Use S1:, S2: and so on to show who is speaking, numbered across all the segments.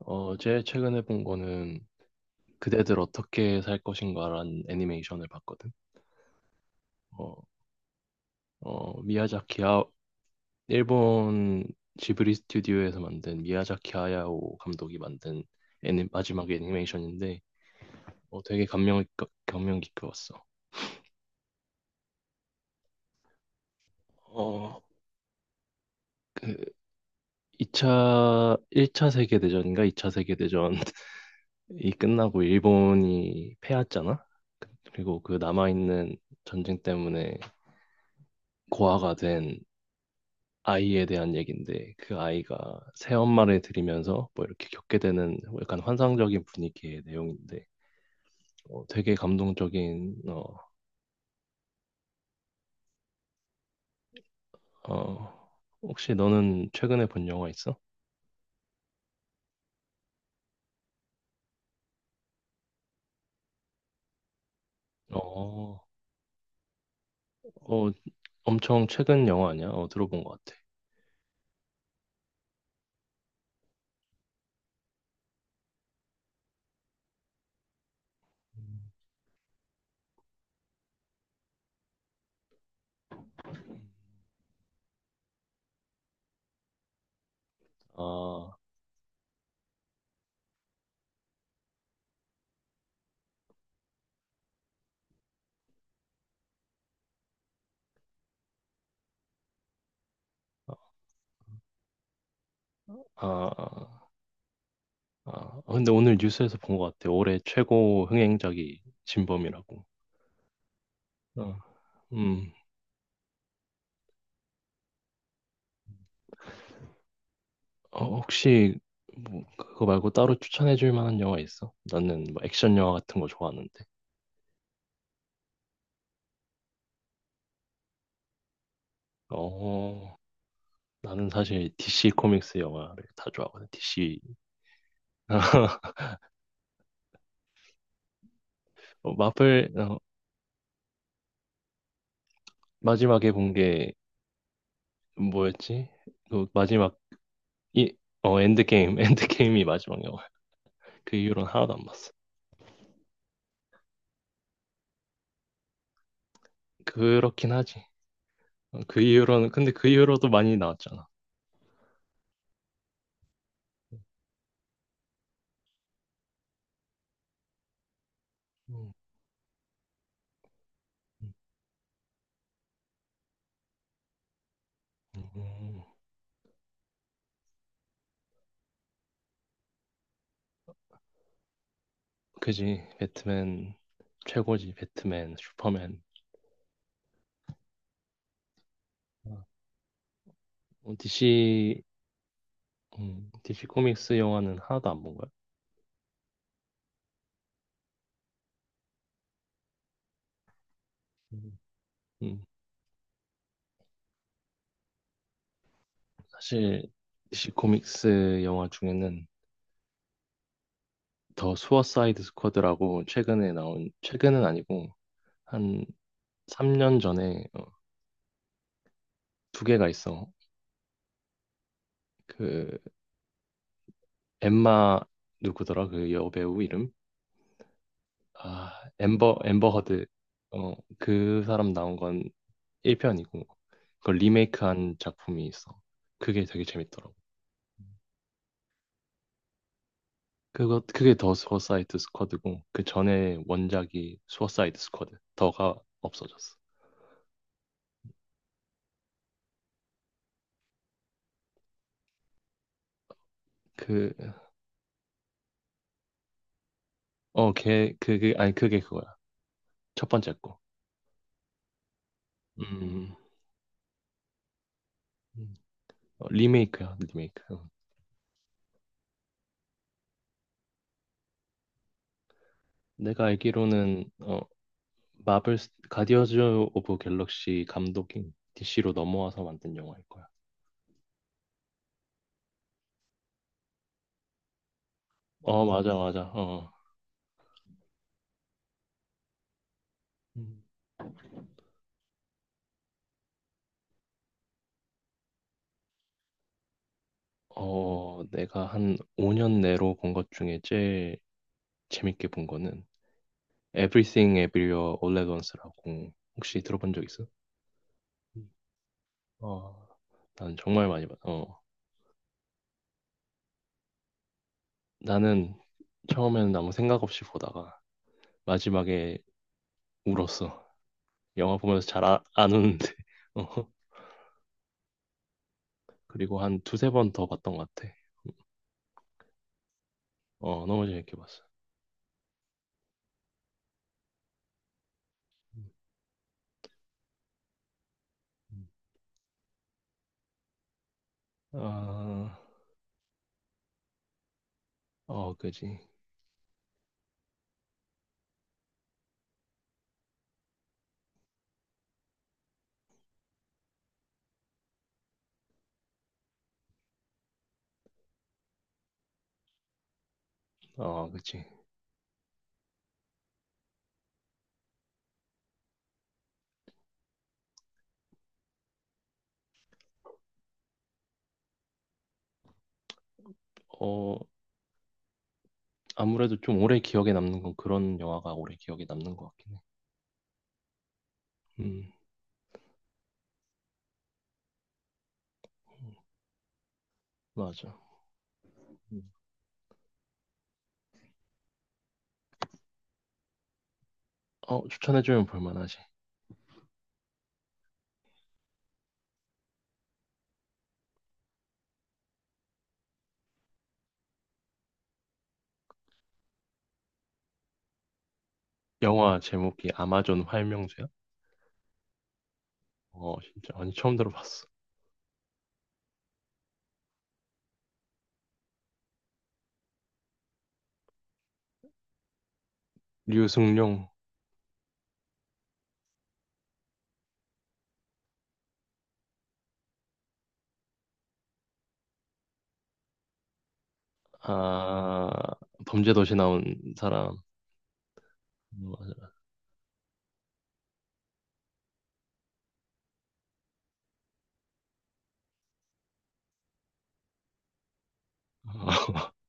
S1: 제일 최근에 본 거는 그대들 어떻게 살 것인가라는 애니메이션을 봤거든. 어, 어, 미야자키 아, 일본 지브리 스튜디오에서 만든 미야자키 하야오 감독이 만든 애니, 마지막 애니메이션인데 되게 감명 깊게 봤어. 어, 그 이차 1차 세계대전인가 2차 세계대전이 끝나고 일본이 패했잖아. 그리고 그 남아있는 전쟁 때문에 고아가 된 아이에 대한 얘기인데 그 아이가 새엄마를 들이면서 뭐 이렇게 겪게 되는 뭐 약간 환상적인 분위기의 내용인데 되게 감동적인. 어, 혹시 너는 최근에 본 영화 있어? 어, 어 엄청 최근 영화 아니야? 들어본 것 같아. 음. 아, 아, 아, 아, 근데 오늘 뉴스에서 본 것 같아. 올해 최고 흥행작이 진범이라고. 어, 음. 혹시 뭐 그거 말고 따로 추천해 줄 만한 영화 있어? 나는 뭐 액션 영화 같은 거 좋아하는데. 어, 나는 사실 DC 코믹스 영화를 다 좋아하거든. DC. 어, 마블 어, 마지막에 본 게 뭐였지? 그 마지막 이, 엔드게임, 엔드게임이 마지막 영화. 그 이후로는 하나도 안 봤어. 그렇긴 하지. 그 이후로는 근데 그 이후로도 많이 나왔잖아. 음, 음, 음. 그지. 배트맨 최고지. 배트맨, 슈퍼맨. 어. 어, DC, 음, DC 코믹스 영화는 하나도 안 본 거야. 음, 음, 사실 DC 코믹스 영화 중에는 더 수어사이드 스쿼드라고 최근에 나온, 최근은 아니고 한 3년 전에 두 개가 있어. 그 엠마 누구더라? 그 여배우 이름? 아, 엠버 허드. 그 사람 나온 건 1편이고 그걸 리메이크한 작품이 있어. 그게 되게 재밌더라고. 그거 그게 더 수어사이드 스쿼드고 그 전에 원작이 수어사이드 스쿼드 더가 없어졌어. 그 걔 그게 아니 그게 그거야, 첫 번째 거. 음, 음. 리메이크야 리메이크. 어. 내가 알기로는 가디언즈 오브 갤럭시 감독인 DC로 넘어와서 만든 영화일 거야. 어, 맞아, 맞아. 어, 음. 내가 한 5년 내로 본 것 중에 제일 재밌게 본 거는 Everything Everywhere All at Once라고 혹시 들어본 적 있어? 어, 난 정말 많이 봤. 나는 처음에는 아무 생각 없이 보다가 마지막에 울었어. 영화 보면서 잘 안 우는데. 어, 그리고 한 2, 3번 더 봤던 것 같아. 너무 재밌게 봤어. 음. 아, 그지. 그지. 어, 아무래도 좀 오래 기억에 남는 건 그런 영화가 오래 기억에 남는 것 같긴 해. 음, 맞아. 음. 추천해주면 볼만하지. 영화 제목이 아마존 활명제야? 어, 진짜. 아니, 처음 들어봤어. 류승룡, 아, 범죄도시 나온 사람. 어, 맞아. 어,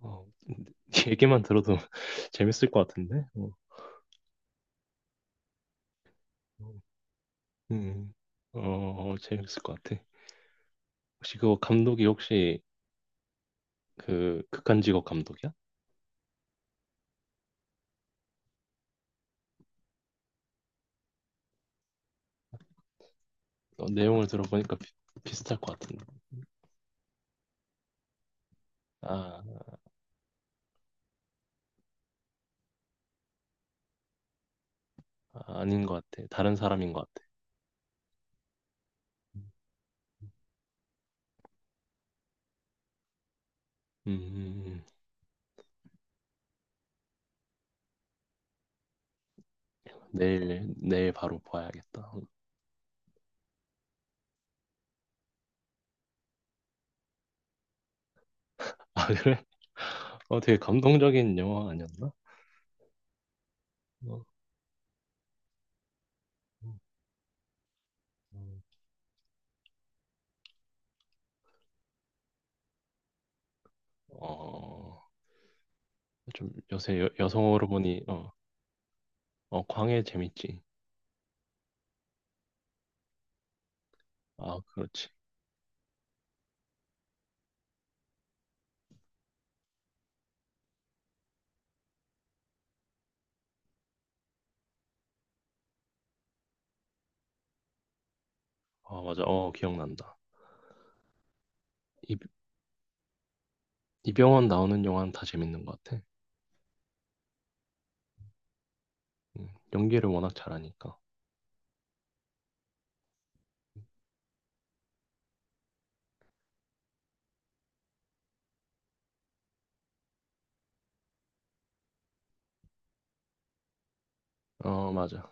S1: 어, 얘기만 들어도 재밌을 것 같은데? 어, 어, 음, 재밌을 것 같아. 혹시 그거 감독이 혹시 그 극한직업 감독이야? 내용을 들어보니까 비슷할 것 같은데. 아, 아, 아닌 것 같아. 다른 사람인 것 같아. 음, 음, 음. 내일 바로 봐야겠다. 아, 그래? 되게 감동적인 영화 아니었나? 어, 음, 음. 어, 좀 요새 여성어로 보니 광해 재밌지. 아, 그렇지. 아, 맞아. 기억난다. 이, 이병헌 나오는 영화는 다 재밌는 것 같아. 음, 연기를 워낙 잘하니까. 어, 맞아.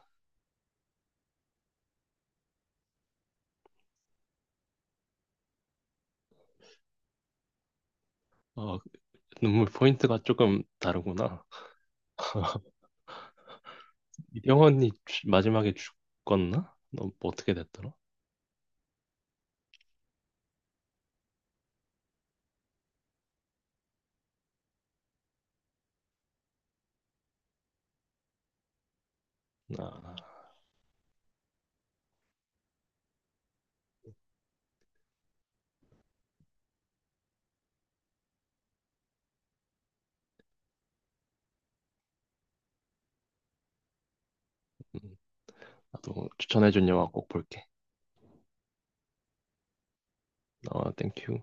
S1: 어, 눈물 포인트가 조금 다르구나. 이병헌이 마지막에 죽었나? 너뭐 어떻게 됐더라? 아, 음, 나도 추천해준 영화 꼭 볼게. 땡큐.